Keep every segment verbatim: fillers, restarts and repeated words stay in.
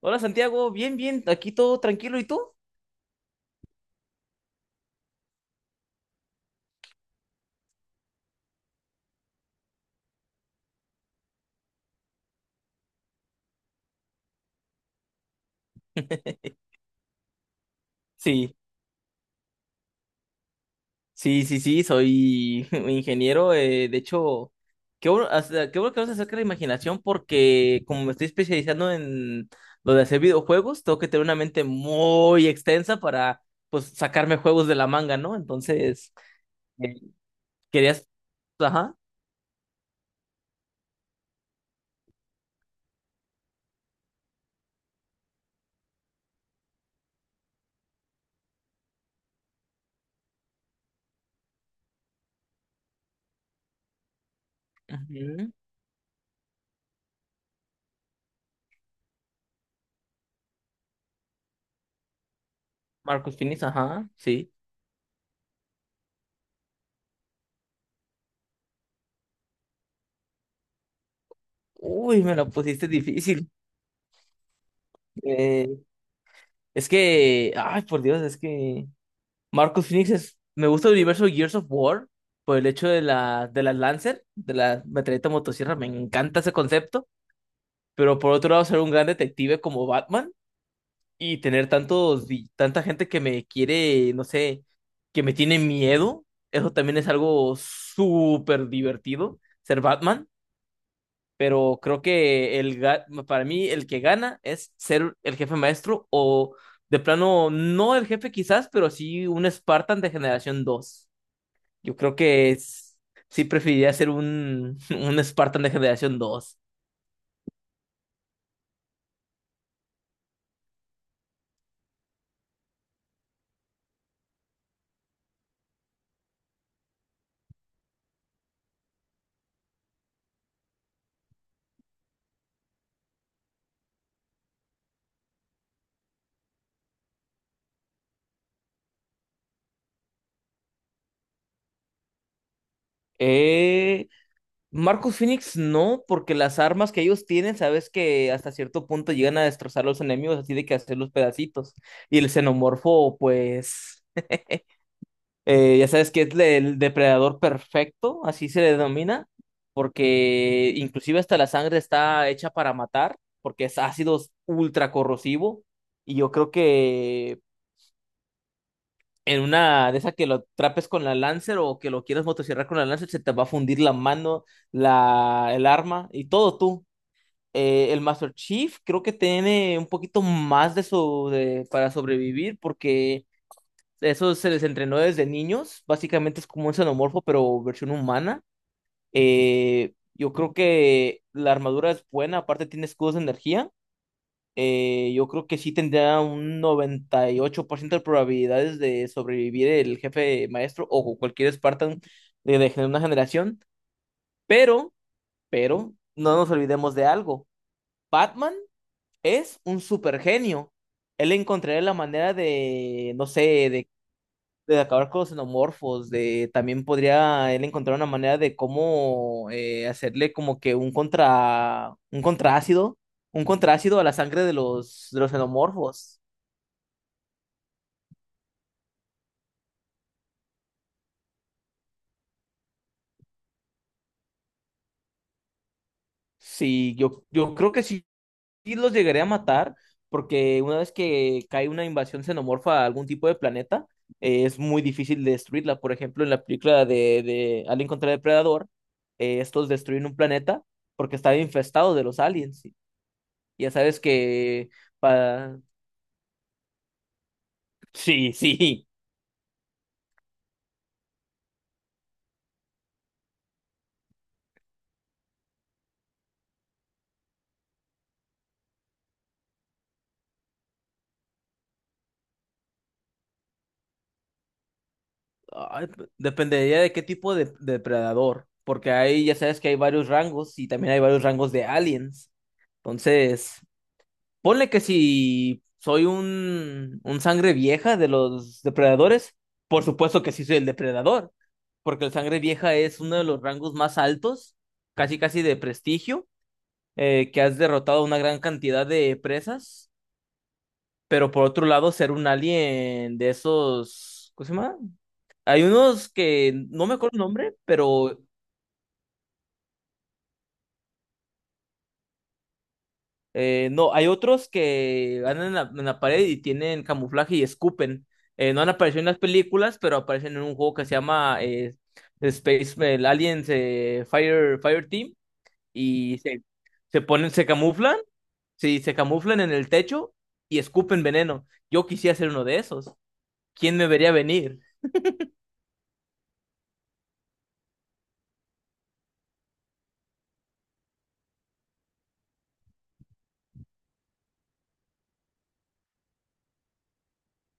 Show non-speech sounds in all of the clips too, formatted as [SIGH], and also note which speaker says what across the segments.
Speaker 1: Hola Santiago, bien, bien, aquí todo tranquilo, ¿y tú? [LAUGHS] Sí, sí, sí, sí, soy [LAUGHS] ingeniero, eh, de hecho, qué bueno, hasta- qué bueno que hablas acerca de la imaginación porque como me estoy especializando en lo de hacer videojuegos, tengo que tener una mente muy extensa para, pues, sacarme juegos de la manga, ¿no? Entonces, eh, querías, ajá, ujú, Marcus Finis, ajá, sí. Uy, me la pusiste difícil. Eh, es que, ay, por Dios, es que. Marcus Phoenix es, me gusta el universo de Gears of War por el hecho de la, de las Lancer, de la metralleta motosierra, me encanta ese concepto, pero por otro lado ser un gran detective como Batman y tener tantos, vi- tanta gente que me quiere, no sé, que me tiene miedo, eso también es algo súper divertido, ser Batman, pero creo que el, ga- para mí el que gana es ser el jefe maestro o de plano, no el jefe quizás, pero sí un Spartan de generación dos, yo creo que es- sí preferiría ser un, [LAUGHS] un Spartan de generación dos. Eh, Marcus Phoenix no, porque las armas que ellos tienen, sabes que hasta cierto punto llegan a destrozar a los enemigos, así de que hacer los pedacitos. Y el xenomorfo, pues, eh, ya sabes que es le- el depredador perfecto, así se le denomina, porque inclusive hasta la sangre está hecha para matar, porque es ácido ultra corrosivo. Y yo creo que en una de esas que lo trapes con la Lancer o que lo quieras motosierrar con la Lancer, se te va a fundir la mano, la, el arma y todo tú. Eh, el Master Chief creo que tiene un poquito más de eso de, para sobrevivir porque eso se les entrenó desde niños. Básicamente es como un xenomorfo, pero versión humana. Eh, yo creo que la armadura es buena, aparte tiene escudos de energía. Eh, yo creo que sí tendría un noventa y ocho por ciento de probabilidades de sobrevivir el jefe maestro o cualquier Spartan de, de una generación, pero, pero, no nos olvidemos de algo. Batman es un supergenio. Él encontraría la manera de, no sé, de, de acabar con los xenomorfos, de también podría él encontrar una manera de cómo eh, hacerle como que un contra, un contraácido, un contraácido a la sangre de los, de los xenomorfos. Sí, yo, yo creo que sí, sí los llegaré a matar, porque una vez que cae una invasión xenomorfa a algún tipo de planeta, eh, es muy difícil destruirla. Por ejemplo, en la película de, de Alien contra el Depredador, eh, estos destruyen un planeta porque estaba infestado de los aliens. Y ya sabes que. pa- Sí, sí. Ay, p- dependería de qué tipo de, de depredador, porque ahí ya sabes que hay varios rangos y también hay varios rangos de aliens. Entonces. Ponle que si soy un, un sangre vieja de los depredadores, por supuesto que sí soy el depredador, porque el sangre vieja es uno de los rangos más altos, casi casi de prestigio, eh, que has derrotado una gran cantidad de presas, pero por otro lado ser un alien de esos, ¿cómo se llama? Hay unos que no me acuerdo el nombre, pero. Eh, no, hay otros que andan en la, en la pared y tienen camuflaje y escupen. Eh, no han aparecido en las películas, pero aparecen en un juego que se llama eh, Space el Aliens, eh, Fire, Fire Team y se, se ponen, se camuflan, sí, se camuflan en el techo y escupen veneno. Yo quisiera ser uno de esos. ¿Quién me vería venir?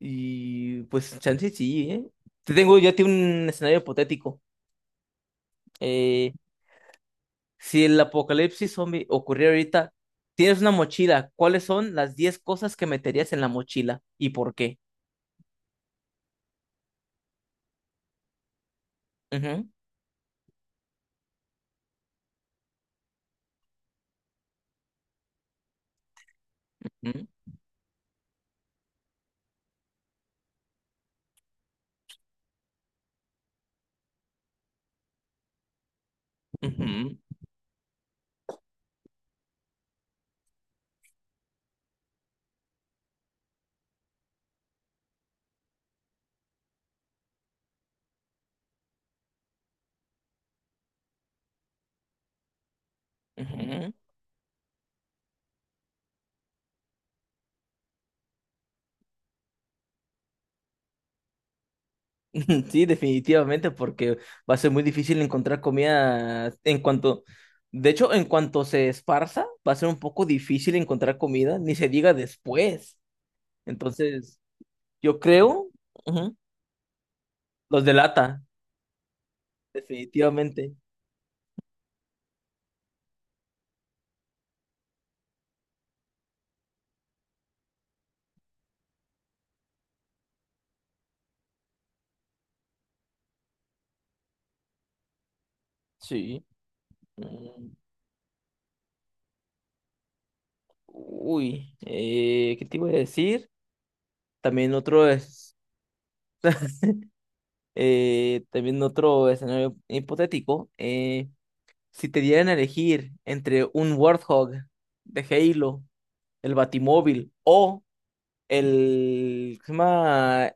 Speaker 1: Y pues chance sí, ¿eh? Te tengo, yo tengo un escenario hipotético. Eh, Si el apocalipsis zombie ocurriera ahorita, tienes una mochila, ¿cuáles son las diez cosas que meterías en la mochila y por qué? Ujú, ujú, ujú, ujú. [LAUGHS] Sí, definitivamente, porque va a ser muy difícil encontrar comida en cuanto, de hecho, en cuanto se esparza, va a ser un poco difícil encontrar comida, ni se diga después. Entonces, yo creo, ujú, los delata, definitivamente. Sí. Mm. Uy, eh, ¿qué te iba a decir? También otro es, [LAUGHS] eh, también otro escenario hipotético. Eh, si te dieran a elegir entre un Warthog de Halo, el Batimóvil o el, ¿cómo se llama?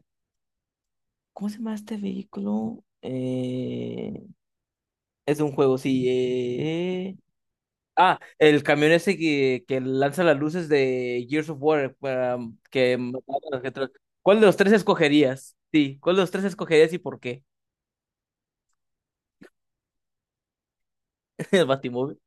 Speaker 1: ¿Cómo se llama este vehículo? Eh, es un juego, sí. eh, Ah, el camión ese que, que lanza las luces de Gears of War para que mataba a los otros. ¿Cuál de los tres escogerías? Sí, ¿cuál de los tres escogerías y por qué? [LAUGHS] El Batimóvil.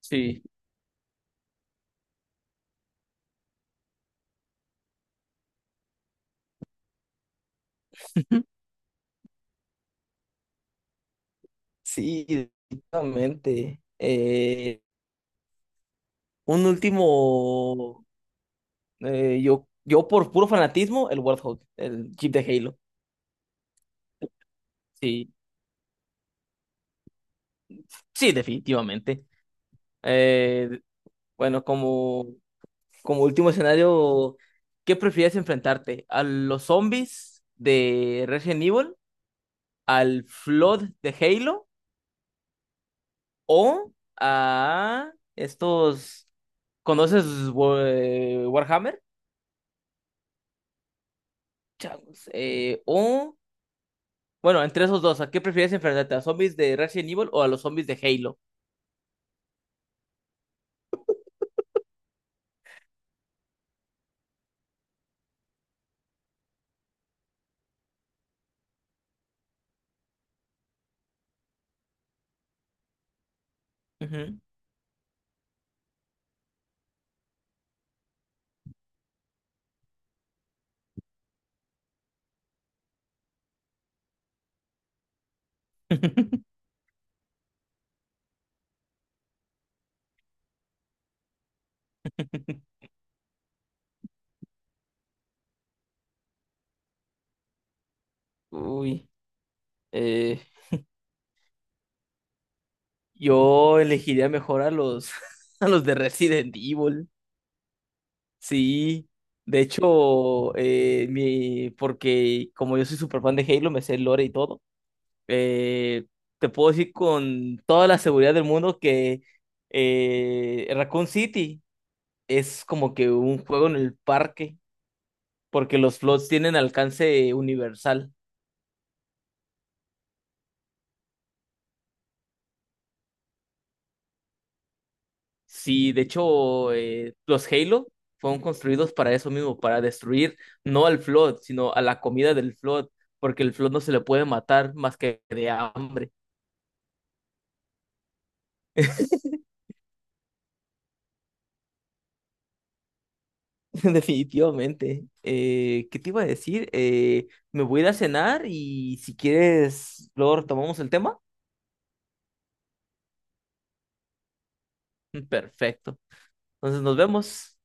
Speaker 1: Sí. Sí, definitivamente. Eh, un último, eh, yo, yo por puro fanatismo, el Warthog, el Jeep de Halo. Sí, sí, definitivamente. Eh, bueno, como como último escenario, ¿qué prefieres enfrentarte? ¿A los zombies de Resident Evil? ¿Al Flood de Halo? ¿O a estos? ¿Conoces Wa- eh, Warhammer? Changos, eh, o. Bueno, entre esos dos, ¿a qué prefieres enfrentarte? ¿A zombies de Resident Evil o a los zombies de Halo? Ujú. [LAUGHS] Uy, eh, yo elegiría mejor a los, [LAUGHS] a los de Resident Evil. Sí, de hecho, eh, mi, porque como yo soy súper fan de Halo, me sé el lore y todo, eh, te puedo decir con toda la seguridad del mundo que eh, Raccoon City es como que un juego en el parque, porque los flots tienen alcance universal. Sí, de hecho, eh, los Halo fueron construidos para eso mismo, para destruir no al flot, sino a la comida del flot, porque el flot no se le puede matar más que de hambre. [LAUGHS] Definitivamente. Eh, ¿qué te iba a decir? Eh, me voy a ir a cenar y si quieres, luego retomamos el tema. Perfecto. Entonces nos vemos.